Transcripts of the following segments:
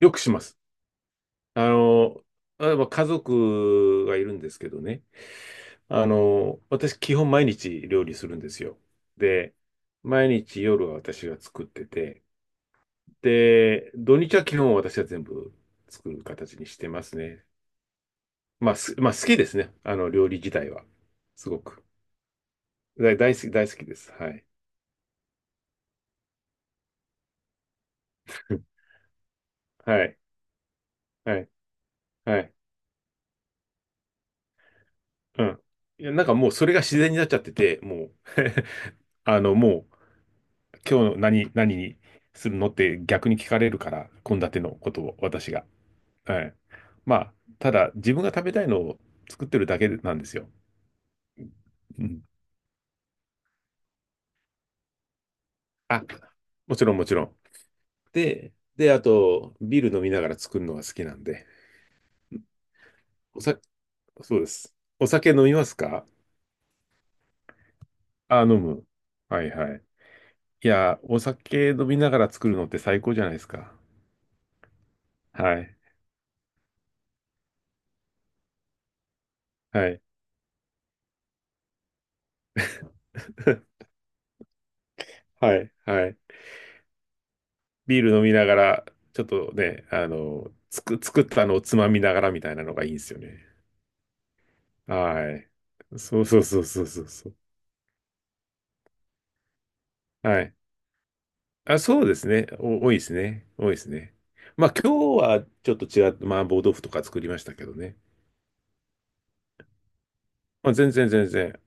よくします。あの、例えば家族がいるんですけどね。私基本毎日料理するんですよ。で、毎日夜は私が作ってて、で、土日は基本私は全部作る形にしてますね。まあ好きですね。料理自体は。すごく。大好きです。はい。はい。はい。はい。うん。いや、なんかもうそれが自然になっちゃってて、もう もう、今日何にするのって逆に聞かれるから、献立のことを私が。はい。まあ、ただ自分が食べたいのを作ってるだけなんですよ。うん。あ、もちろんもちろん。で、あと、ビール飲みながら作るのが好きなんで。おさ、そうです。お酒飲みますか？あ、飲む。はいはい。いや、お酒飲みながら作るのって最高じゃないですか。はい。はい。はい。はい。ビール飲みながら、ちょっとね、作ったのをつまみながらみたいなのがいいんですよね。はい。そうそうそうそうそうそう。はい。あ、そうですね。多いですね。多いですね。まあ今日はちょっと違って、麻婆豆腐とか作りましたけどね。まあ全然全然。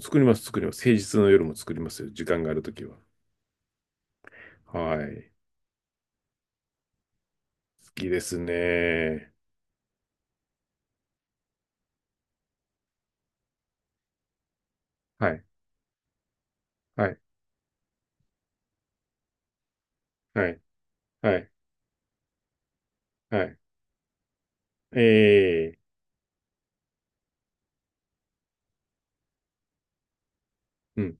作ります、作ります。平日の夜も作りますよ。時間があるときは。はい。好きですね。はい。はい。はい。はい。はい。ええうん。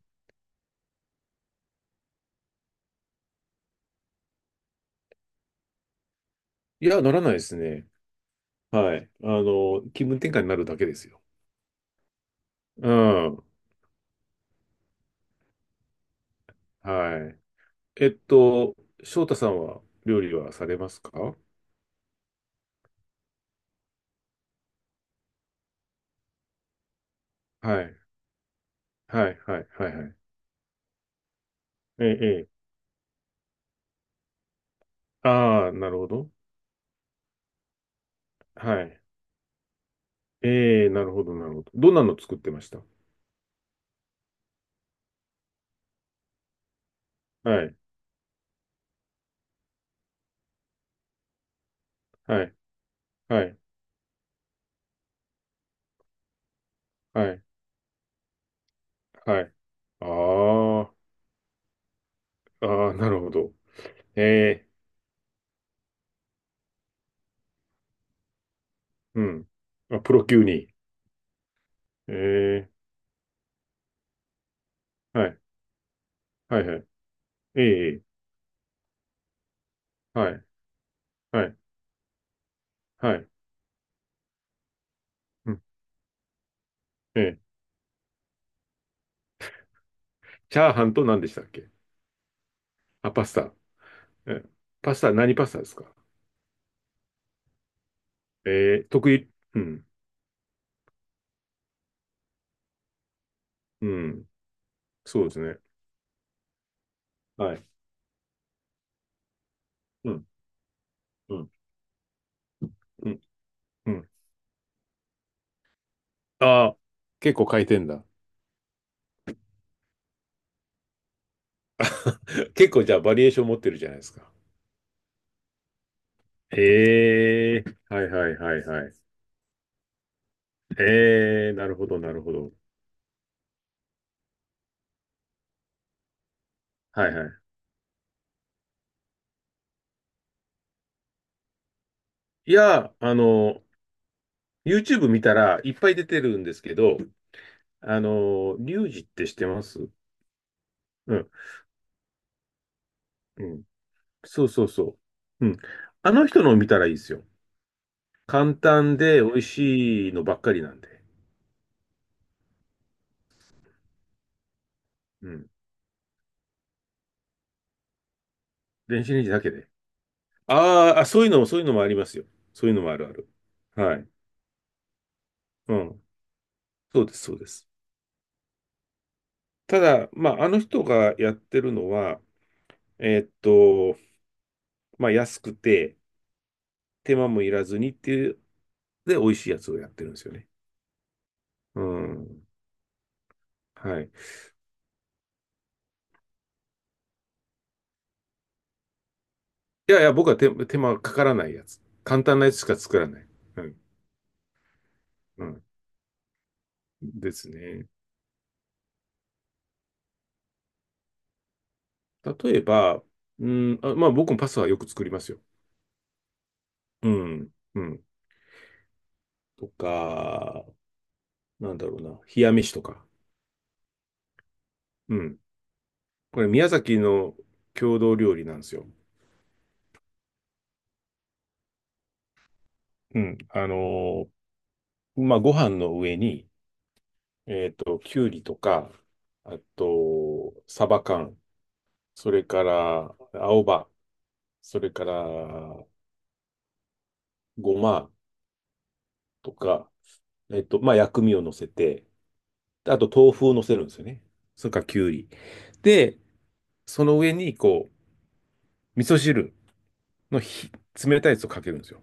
いや、ならないですね。はい。気分転換になるだけですよ。うん。はい。えっと、翔太さんは料理はされますか？はい。はい、はい、はい、はい。ええ、ええ。ああ、なるほど。はい。ええ、なるほど、なるほど。どんなの作ってました？はい、はい、はい、はい、はい。ああ、ああ、なるほど。ええ、うん。あ、プロ級に。ええ、はい、はい、はい。ええ、はい、はい、はい。うんええ、チャーハンと何でしたっけ？あ、パスタ。え、パスタ、何パスタですか？得意。うん。うん。そうですね。はい。うん。うん。うん。うん。ああ、結構変えてんだ。結構じゃあバリエーション持ってるじゃないですか。ええはいはいはいはい。ええなるほどなるほど。はいはい。いや、YouTube 見たらいっぱい出てるんですけど、リュウジって知ってます？うん。うん。そうそうそう。うん。あの人のを見たらいいですよ。簡単で美味しいのばっかりなんで。うん。電子レンジだけで。あーあ、そういうのもありますよ。そういうのもあるある。はい。うん。そうです、そうです。ただ、まあ、あの人がやってるのは、えーっと、まあ、安くて、手間もいらずにっていう、で、美味しいやつをやってるんですよね。うん。はい。いやいや、僕は手間かからないやつ。簡単なやつしか作らない。うん。うん。ですね。例えば、うん、あ、まあ僕もパスタはよく作りますよ。うん、うん。とか、なんだろうな、冷や飯とか。うん。これ、宮崎の郷土料理なんですよ。うん。まあ、ご飯の上に、きゅうりとか、あと、サバ缶、それから、青葉、それから、ごまとか、まあ、薬味を乗せて、であと、豆腐を乗せるんですよね。それから、きゅうり。で、その上に、こう、味噌汁の冷たいやつをかけるんですよ。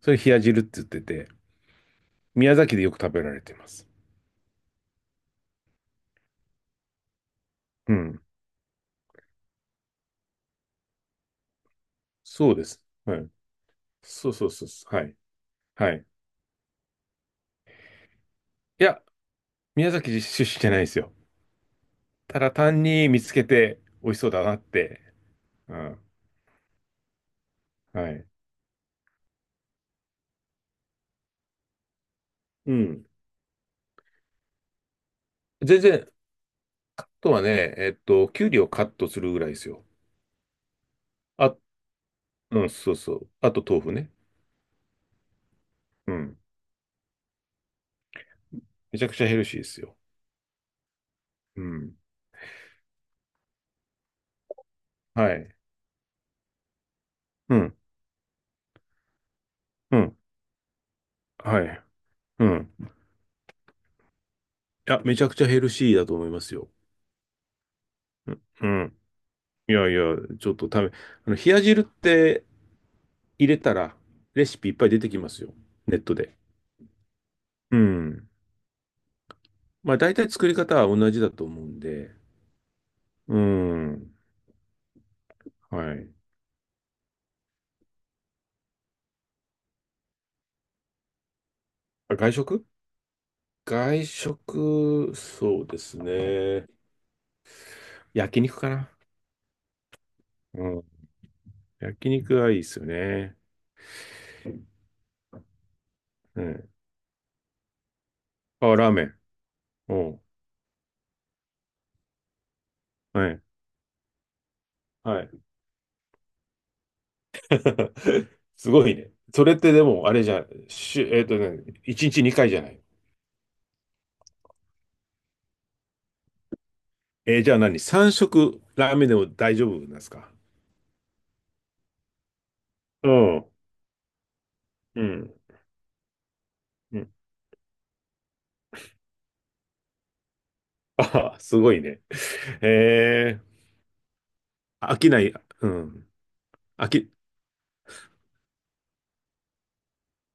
それ冷や汁って言ってて、宮崎でよく食べられています。うん。そうです。はい。そうそうそうそう。はい。はい。いや、宮崎出身じゃないですよ。ただ単に見つけて美味しそうだなって。うん。はい。うん。全然、あとはね、きゅうりをカットするぐらいですよ。あ、うん、そうそう。あと豆腐ね。うん。めちゃくちゃヘルシーですよ。うん。はい。うん。うん。はい。うん。いや、めちゃくちゃヘルシーだと思いますよ。うん。うんいやいや、ちょっと食べ、あの、冷や汁って入れたら、レシピいっぱい出てきますよ。ネットで。うん。まあ、大体作り方は同じだと思うんで。うん。はい。あ、外食外食、そうですね。焼肉かな。うん。焼肉はいいですよね。うん。あ、ラーメン。うん。はい。はい。すごいね。それってでも、あれじゃん、しゅ、えっとね、1日2回じゃない。じゃあ何？ 3 食ラーメンでも大丈夫なんですか？うん。うん。うんあ、すごいね。え飽きない。うん。飽き、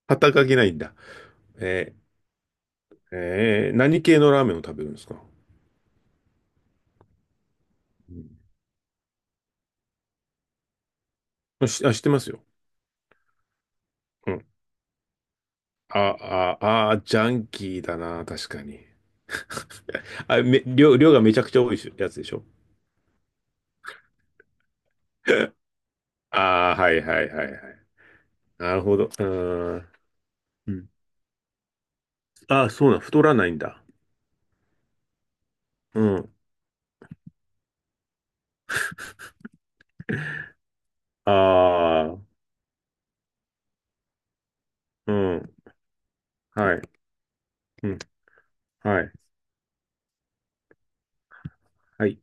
働き飽きないんだ。え何系のラーメンを食べるんですか？うんしあ、知ってますよ。うん。あ、あ、ジャンキーだな、確かに。量がめちゃくちゃ多いしやつでしょ？ああー、はいはいはいはい。なるほど。うーん。うんああ、そうなん、太らないんだ。うん。ああ、うん。はい。うん。はい。はい。